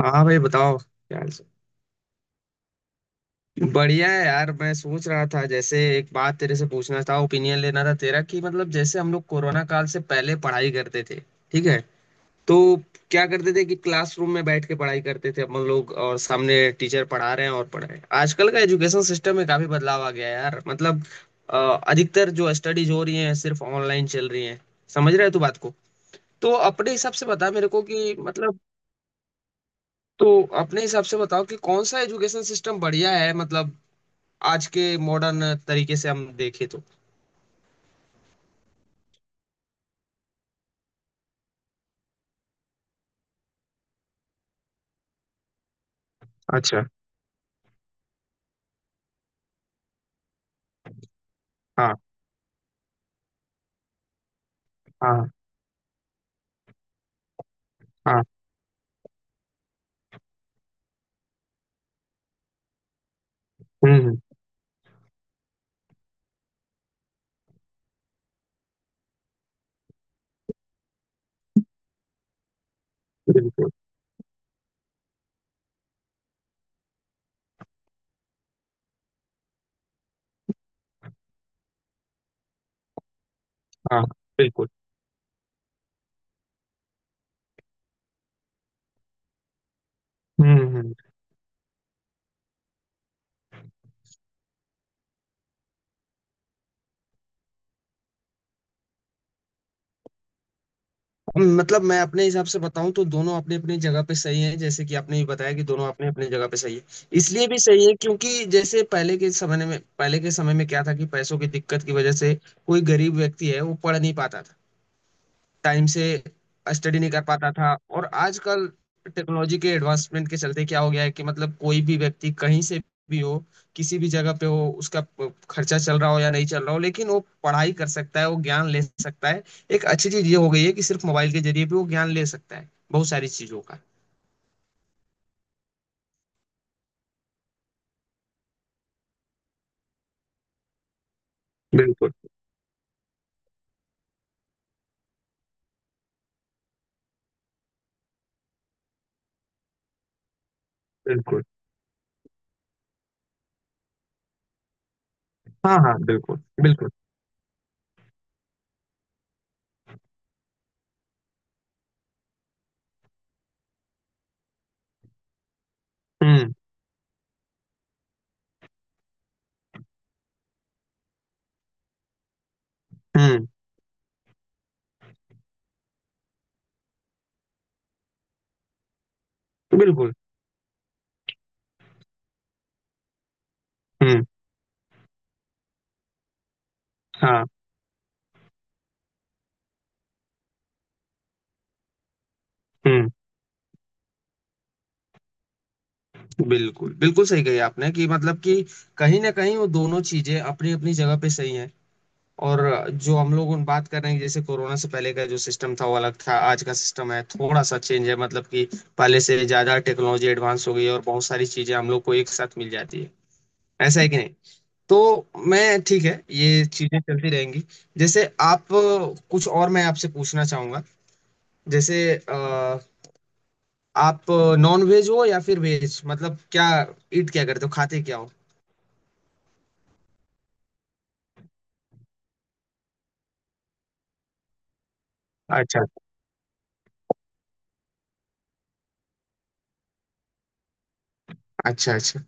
हाँ भाई बताओ यार। बढ़िया है यार। मैं सोच रहा था, जैसे एक बात तेरे से पूछना था, ओपिनियन लेना था तेरा, कि मतलब जैसे हम लोग कोरोना काल से पहले पढ़ाई करते थे, ठीक है? तो क्या करते थे कि क्लासरूम में बैठ के पढ़ाई करते थे हम लोग, और सामने टीचर पढ़ा रहे हैं और पढ़ रहे हैं। आजकल का एजुकेशन सिस्टम में काफी बदलाव आ गया है यार। मतलब अ, अधिकतर जो स्टडीज हो रही हैं, सिर्फ ऑनलाइन चल रही हैं। समझ रहे हो तू बात को? तो अपने हिसाब से बता मेरे को कि मतलब, तो अपने हिसाब से बताओ कि कौन सा एजुकेशन सिस्टम बढ़िया है, मतलब आज के मॉडर्न तरीके से हम देखें तो। अच्छा। हाँ। हाँ। हाँ। हम्म हम्म, बिल्कुल। हाँ। बिल्कुल। हम्म हम्म मतलब मैं अपने हिसाब से बताऊं तो दोनों अपनी अपनी जगह पे सही है। जैसे कि आपने भी बताया कि दोनों अपने अपने जगह पे सही है। इसलिए भी सही है क्योंकि जैसे पहले के समय में, पहले के समय में क्या था कि पैसों की दिक्कत की वजह से कोई गरीब व्यक्ति है वो पढ़ नहीं पाता था, टाइम से स्टडी नहीं कर पाता था। और आजकल टेक्नोलॉजी के एडवांसमेंट के चलते क्या हो गया है कि मतलब कोई भी व्यक्ति कहीं से भी हो, किसी भी जगह पे हो, उसका खर्चा चल रहा हो या नहीं चल रहा हो, लेकिन वो पढ़ाई कर सकता है, वो ज्ञान ले सकता है। एक अच्छी चीज ये हो गई है कि सिर्फ मोबाइल के जरिए भी वो ज्ञान ले सकता है बहुत सारी चीजों का। बिल्कुल। बिल्कुल। हाँ हाँ, बिल्कुल बिल्कुल। हम्म हम्म बिल्कुल। हम्म हाँ। हम्म बिल्कुल बिल्कुल सही कही आपने कि मतलब कि कहीं ना कहीं वो दोनों चीजें अपनी अपनी जगह पे सही हैं। और जो हम लोग उन बात कर रहे हैं, जैसे कोरोना से पहले का जो सिस्टम था वो अलग था, आज का सिस्टम है थोड़ा सा चेंज है। मतलब कि पहले से ज्यादा टेक्नोलॉजी एडवांस हो गई है और बहुत सारी चीजें हम लोग को एक साथ मिल जाती है। ऐसा है कि नहीं? तो मैं, ठीक है, ये चीजें चलती रहेंगी। जैसे आप, कुछ और मैं आपसे पूछना चाहूंगा। जैसे अ, आप नॉन वेज हो या फिर वेज? मतलब क्या ईट क्या करते हो, खाते क्या हो? अच्छा। अच्छा अच्छा।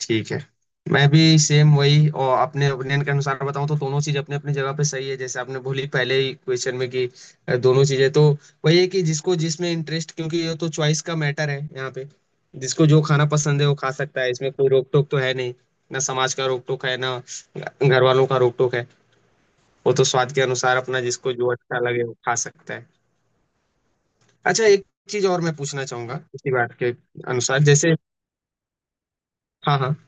ठीक है। मैं भी सेम वही, और अपने ओपिनियन के अनुसार बताऊं तो दोनों चीज अपने अपने जगह पे सही है। जैसे आपने बोली पहले ही क्वेश्चन में कि दोनों चीजें तो वही है कि जिसको जिसमें इंटरेस्ट, क्योंकि ये तो चॉइस का मैटर है यहाँ पे। जिसको जो खाना पसंद है वो खा सकता है। इसमें कोई रोक टोक तो है नहीं, ना समाज का रोक टोक है, ना घर वालों का रोक टोक है। वो तो स्वाद के अनुसार अपना जिसको जो अच्छा लगे वो खा सकता है। अच्छा, एक चीज और मैं पूछना चाहूंगा इसी बात के अनुसार। जैसे, हाँ हाँ।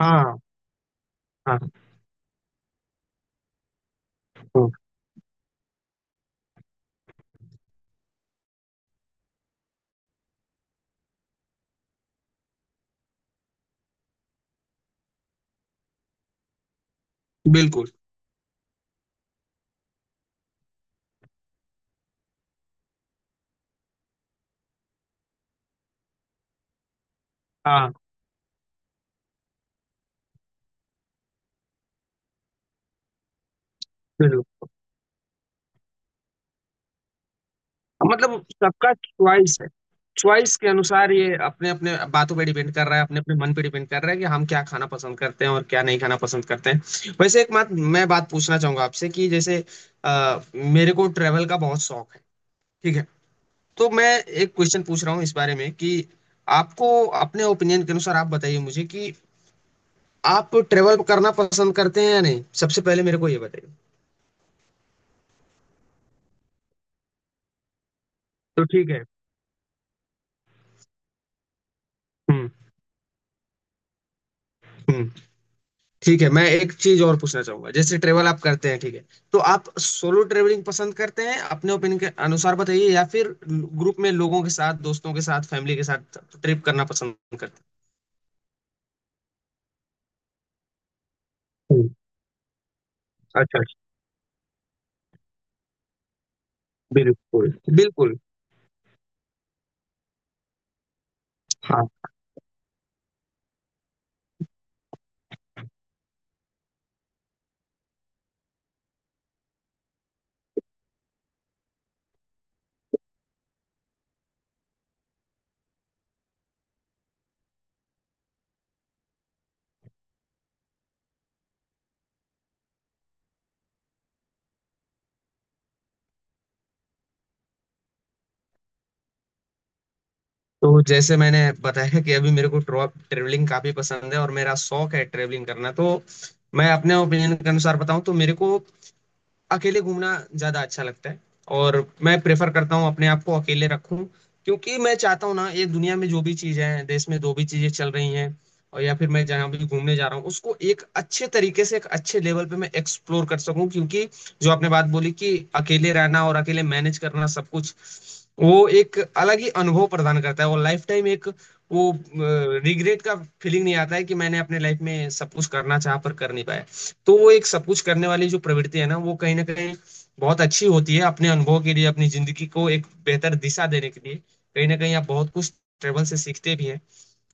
हाँ। हाँ। हाँ, बिल्कुल। हाँ हाँ, बिल्कुल। मतलब सबका चॉइस है। चॉइस के अनुसार ये अपने अपने बातों पे डिपेंड कर रहा है, अपने अपने मन पे डिपेंड कर रहा है कि हम क्या खाना पसंद करते हैं और क्या नहीं खाना पसंद करते हैं। वैसे एक बात मैं बात पूछना चाहूंगा आपसे कि जैसे मेरे को ट्रेवल का बहुत शौक है, ठीक है? तो मैं एक क्वेश्चन पूछ रहा हूँ इस बारे में कि आपको, अपने ओपिनियन के अनुसार आप बताइए मुझे कि आप ट्रेवल करना पसंद करते हैं या नहीं, सबसे पहले मेरे को ये बताइए। तो ठीक है। हम्म हम्म। ठीक है, मैं एक चीज और पूछना चाहूंगा। जैसे ट्रेवल आप करते हैं, ठीक है, तो आप सोलो ट्रेवलिंग पसंद करते हैं अपने ओपिनियन के अनुसार, बताइए, या फिर ग्रुप में लोगों के साथ, दोस्तों के साथ, फैमिली के साथ ट्रिप करना पसंद करते? हम्म। अच्छा अच्छा। बिल्कुल हैं, बिल्कुल। हाँ। तो जैसे मैंने बताया कि अभी मेरे को ट्रेवलिंग काफी पसंद है और मेरा शौक है ट्रेवलिंग करना। तो मैं अपने ओपिनियन के अनुसार बताऊं तो मेरे को अकेले घूमना ज्यादा अच्छा लगता है। और मैं प्रेफर करता हूँ अपने आप को अकेले रखूं क्योंकि मैं चाहता हूँ ना, ये दुनिया में जो भी चीजें हैं, देश में जो भी चीजें चल रही हैं, और या फिर मैं जहाँ भी घूमने जा रहा हूँ, उसको एक अच्छे तरीके से, एक अच्छे लेवल पे मैं एक्सप्लोर कर सकूं। क्योंकि जो आपने बात बोली कि अकेले रहना और अकेले मैनेज करना सब कुछ, वो एक अलग ही अनुभव प्रदान करता है। वो लाइफ टाइम एक, वो रिग्रेट का फीलिंग नहीं आता है कि मैंने अपने लाइफ में सब कुछ करना चाह पर कर नहीं पाया। तो वो एक सब कुछ करने वाली जो प्रवृत्ति है ना, वो कहीं ना कहीं बहुत अच्छी होती है अपने अनुभव के लिए, अपनी जिंदगी को एक बेहतर दिशा देने के लिए। कहीं ना कहीं आप बहुत कुछ ट्रेवल से सीखते भी हैं।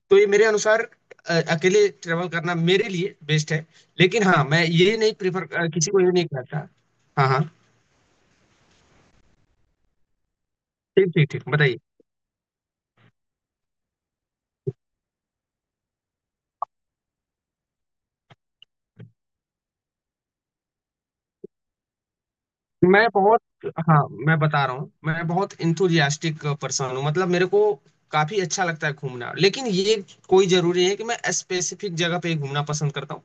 तो ये मेरे अनुसार अकेले ट्रेवल करना मेरे लिए बेस्ट है। लेकिन हाँ, मैं ये नहीं प्रिफर, किसी को ये नहीं कहता। हाँ हाँ। ठीक ठीक ठीक, बताइए। मैं बहुत, हाँ मैं बता रहा हूँ, मैं बहुत इंथुजियास्टिक पर्सन हूँ। मतलब मेरे को काफी अच्छा लगता है घूमना, लेकिन ये कोई जरूरी नहीं है कि मैं स्पेसिफिक जगह पे ही घूमना पसंद करता हूँ।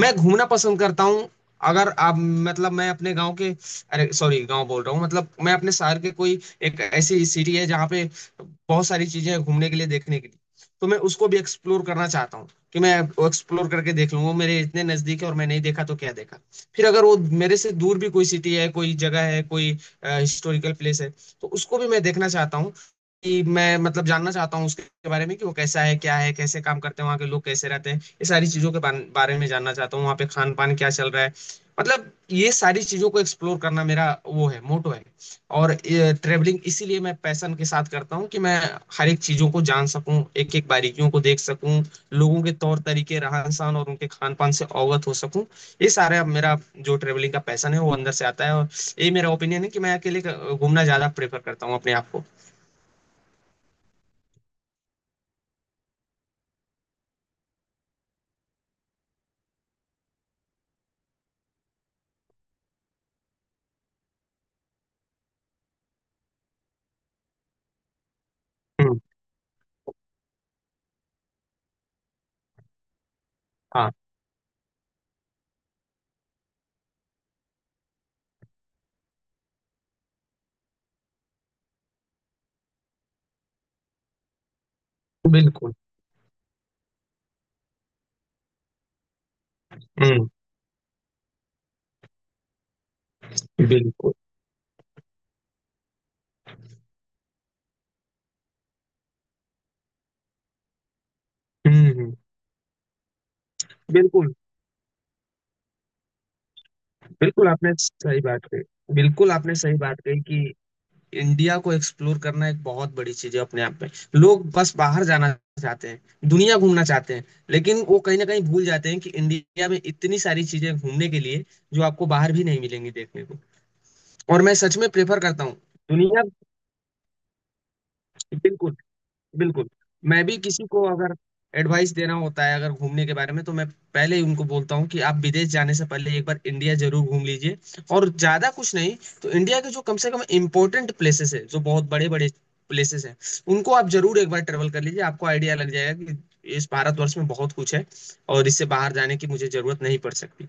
मैं घूमना पसंद करता हूँ। अगर आप, मतलब मैं अपने गांव के, अरे सॉरी गांव बोल रहा हूँ, मतलब मैं अपने शहर के कोई, एक ऐसी सिटी है जहाँ पे बहुत सारी चीजें हैं घूमने के लिए, देखने के लिए, तो मैं उसको भी एक्सप्लोर करना चाहता हूँ। कि मैं एक्सप्लोर करके देख लूँ, वो मेरे इतने नजदीक है और मैं नहीं देखा तो क्या देखा। फिर अगर वो मेरे से दूर भी कोई सिटी है, कोई जगह है, कोई हिस्टोरिकल प्लेस है, तो उसको भी मैं देखना चाहता हूँ। कि मैं मतलब जानना चाहता हूँ उसके बारे में कि वो कैसा है, क्या है, कैसे काम करते हैं वहाँ के लोग, कैसे रहते हैं, ये सारी चीज़ों के बारे में जानना चाहता हूँ, वहाँ पे खान पान क्या चल रहा है। मतलब ये सारी चीज़ों को एक्सप्लोर करना मेरा वो है, मोटो है। और ट्रेवलिंग इसीलिए मैं पैशन के साथ करता हूँ कि मैं हर एक चीज़ों को जान सकूँ, एक एक बारीकियों को देख सकूँ, लोगों के तौर तरीके, रहन सहन और उनके खान पान से अवगत हो सकूँ। ये सारे अब मेरा जो ट्रेवलिंग का पैशन है, वो अंदर से आता है। और ये मेरा ओपिनियन है कि मैं अकेले घूमना ज्यादा प्रेफर करता हूँ अपने आप को। हम्म। हाँ। बिल्कुल। हम्म। बिल्कुल। हम्म हम्म, बिल्कुल। बिल्कुल आपने सही बात कही, बिल्कुल आपने सही बात कही कि इंडिया को एक्सप्लोर करना एक बहुत बड़ी चीज है अपने आप में। लोग बस बाहर जाना चाहते हैं, दुनिया घूमना चाहते हैं, लेकिन वो कहीं ना कहीं भूल जाते हैं कि इंडिया में इतनी सारी चीजें घूमने के लिए जो आपको बाहर भी नहीं मिलेंगी देखने को। और मैं सच में प्रेफर करता हूँ दुनिया। बिल्कुल। बिल्कुल। मैं भी किसी को अगर एडवाइस देना होता है अगर घूमने के बारे में, तो मैं पहले ही उनको बोलता हूँ कि आप विदेश जाने से पहले एक बार इंडिया जरूर घूम लीजिए। और ज्यादा कुछ नहीं, तो इंडिया के जो कम से कम इम्पोर्टेंट प्लेसेस है, जो बहुत बड़े बड़े प्लेसेस हैं, उनको आप जरूर एक बार ट्रेवल कर लीजिए। आपको आइडिया लग जाएगा कि इस भारतवर्ष में बहुत कुछ है और इससे बाहर जाने की मुझे जरूरत नहीं पड़ सकती।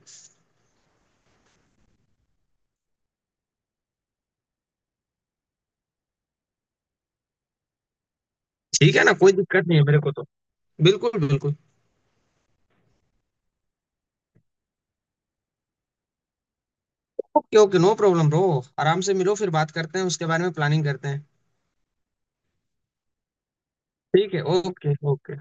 ठीक है ना, कोई दिक्कत नहीं है मेरे को तो। बिल्कुल बिल्कुल। Okay okay, no problem bro. आराम से मिलो, फिर बात करते हैं उसके बारे में, प्लानिंग करते हैं। ठीक है। Okay okay.